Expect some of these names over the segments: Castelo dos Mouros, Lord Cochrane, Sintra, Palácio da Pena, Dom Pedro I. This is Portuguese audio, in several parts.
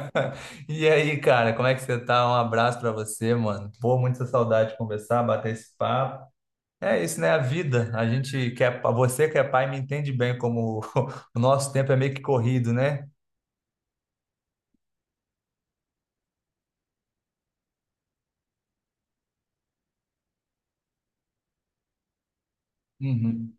E aí, cara, como é que você tá? Um abraço pra você, mano. Pô, muita saudade de conversar, bater esse papo. É isso, né? A vida. A gente que é, você que é pai me entende bem como o nosso tempo é meio que corrido, né? Uhum.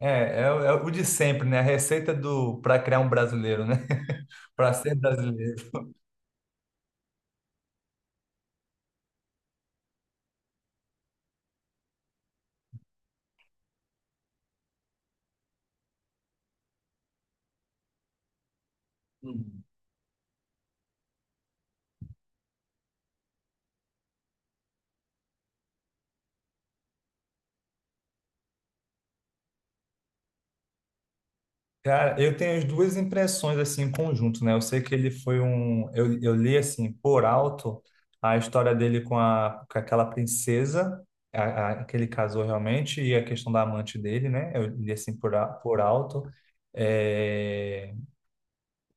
O é o de sempre, né? A receita do para criar um brasileiro, né? Para ser brasileiro. Cara, eu tenho as duas impressões assim em conjunto, né? Eu sei que ele foi um, eu li assim por alto a história dele com a com aquela princesa, que ele casou realmente e a questão da amante dele, né? Eu li assim por alto. É,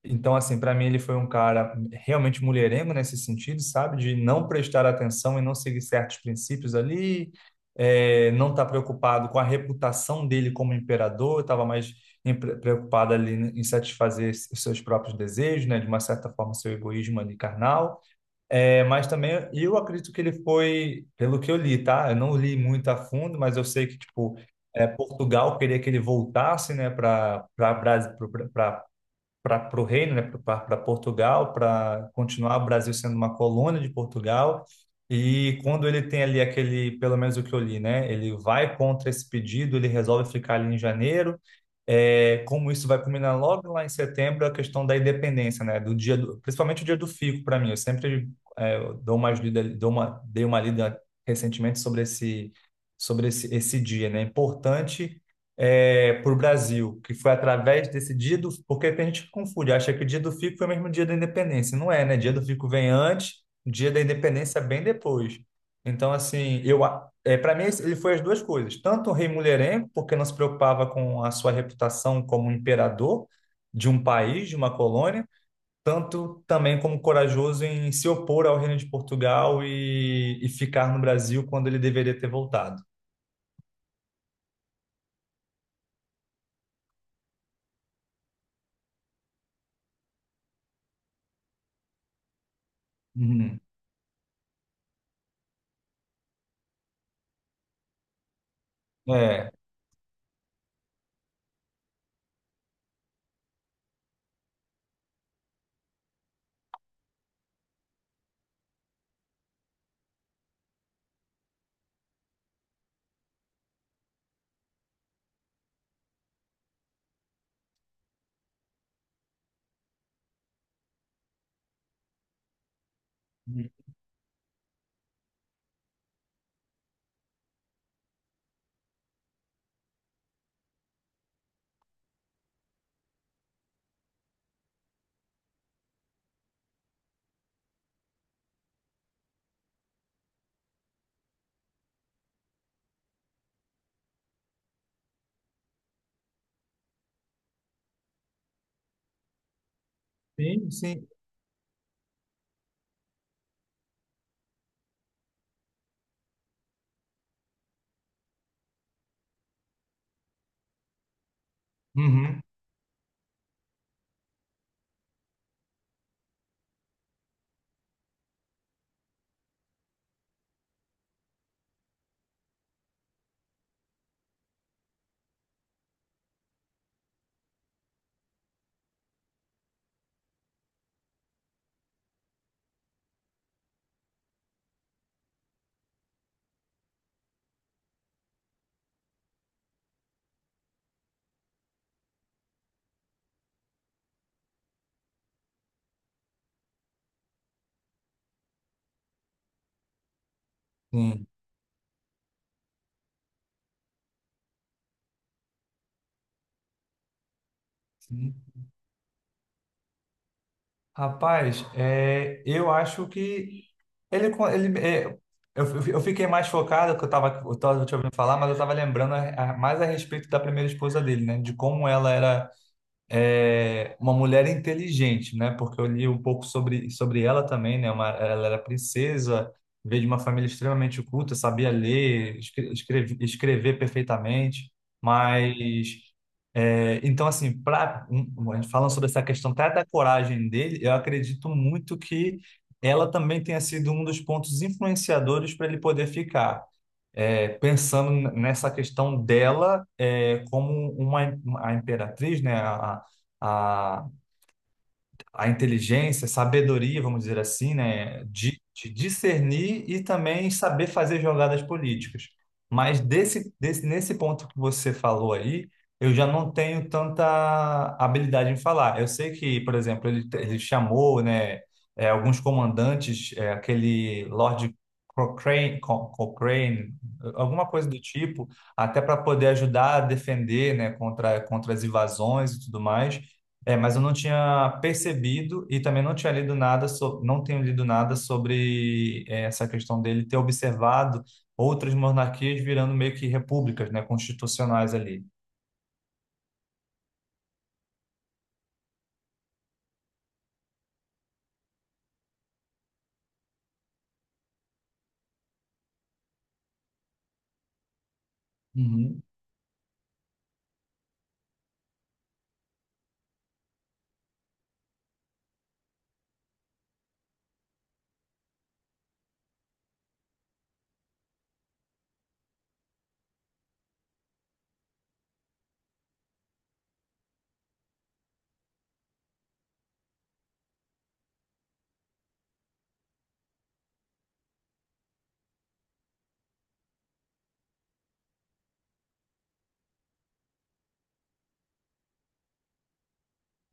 então, assim, para mim ele foi um cara realmente mulherengo nesse sentido, sabe? De não prestar atenção e não seguir certos princípios ali, não estar preocupado com a reputação dele como imperador, estava mais preocupado ali em satisfazer os seus próprios desejos, né? De uma certa forma, seu egoísmo ali carnal. É, mas também eu acredito que ele foi, pelo que eu li, tá? Eu não li muito a fundo, mas eu sei que, tipo, Portugal queria que ele voltasse, né, para o reino, né, para Portugal, para continuar o Brasil sendo uma colônia de Portugal. E quando ele tem ali aquele, pelo menos o que eu li, né, ele vai contra esse pedido, ele resolve ficar ali em janeiro. É, como isso vai culminar logo lá em setembro, é a questão da independência, né, do dia do, principalmente o dia do fico para mim. Eu sempre é, dou umas lida, dei uma lida recentemente sobre esse esse dia, né? É importante para o Brasil, que foi através desse dia do... Porque tem gente que confunde, acha que o dia do Fico foi o mesmo dia da independência. Não é, né? Dia do Fico vem antes, dia da independência bem depois. Então, assim, É, para mim, ele foi as duas coisas. Tanto o rei mulherengo, porque não se preocupava com a sua reputação como imperador de um país, de uma colônia, tanto também como corajoso em se opor ao reino de Portugal e ficar no Brasil quando ele deveria ter voltado. Uhum. É. Sim, sim. Uhum, sim, sim. Rapaz, é, eu acho que ele, co- ele é, eu, fi- eu fiquei mais focado, que eu tava te ouvindo falar, mas eu estava lembrando mais a respeito da primeira esposa dele, né? De como ela era. Uma mulher inteligente, né? Porque eu li um pouco sobre ela também, né? Uma, ela era princesa, veio de uma família extremamente culta, sabia ler, escrever perfeitamente, mas então assim, a gente falando sobre essa questão até da coragem dele, eu acredito muito que ela também tenha sido um dos pontos influenciadores para ele poder ficar pensando nessa questão dela como uma, a imperatriz, né, a, a inteligência, sabedoria, vamos dizer assim, né, de discernir e também saber fazer jogadas políticas. Mas nesse ponto que você falou aí, eu já não tenho tanta habilidade em falar. Eu sei que, por exemplo, ele chamou, né, alguns comandantes, é, aquele Lord Cochrane, Cochrane, alguma coisa do tipo, até para poder ajudar a defender, né, contra as invasões e tudo mais. É, mas eu não tinha percebido e também não tinha lido nada sobre, não tenho lido nada sobre essa questão dele ter observado outras monarquias virando meio que repúblicas, né, constitucionais ali. Uhum,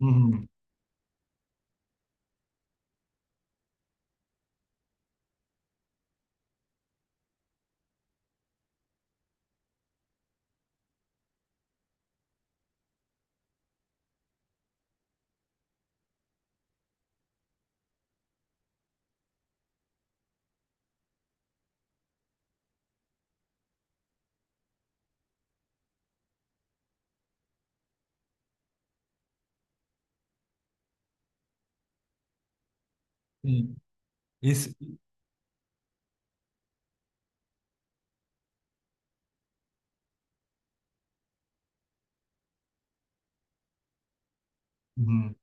uhum, sim. Isso, uhum.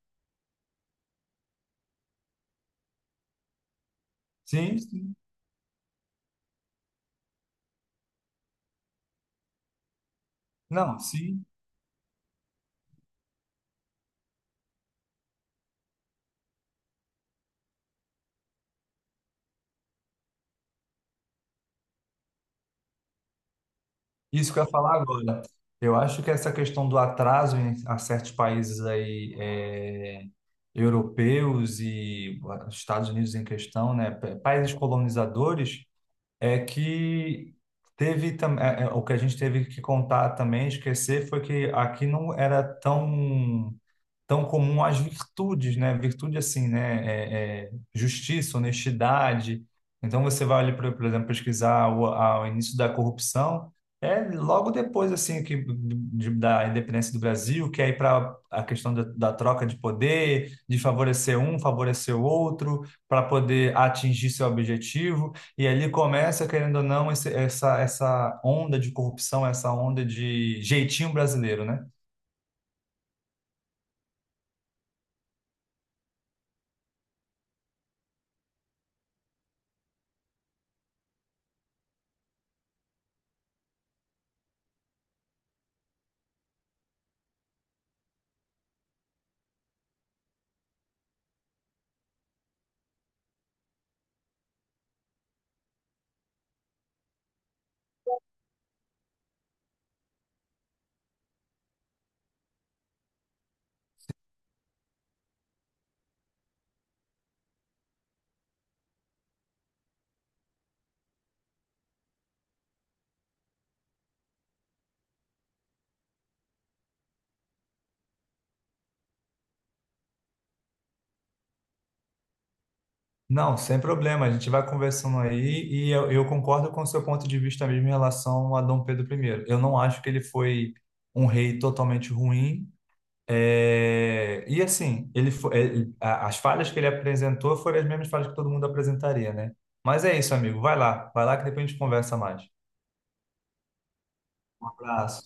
Sim, sim. Não, sim. Isso que eu ia falar agora. Eu acho que essa questão do atraso em a certos países aí europeus e Estados Unidos em questão, né, países colonizadores. É que teve também o que a gente teve que contar também, esquecer, foi que aqui não era tão comum as virtudes, né? Virtude assim, né? Justiça, honestidade. Então você vai ali, por exemplo, pesquisar o início da corrupção, é logo depois assim que da independência do Brasil, que aí para a questão da troca de poder, de favorecer um, favorecer o outro, para poder atingir seu objetivo. E ali começa, querendo ou não, essa onda de corrupção, essa onda de jeitinho brasileiro, né? Não, sem problema, a gente vai conversando aí e eu concordo com o seu ponto de vista mesmo em relação a Dom Pedro I. Eu não acho que ele foi um rei totalmente ruim. E assim, ele fo- ele- a- as falhas que ele apresentou foram as mesmas falhas que todo mundo apresentaria, né? Mas é isso, amigo. Vai lá que depois a gente conversa mais. Um abraço.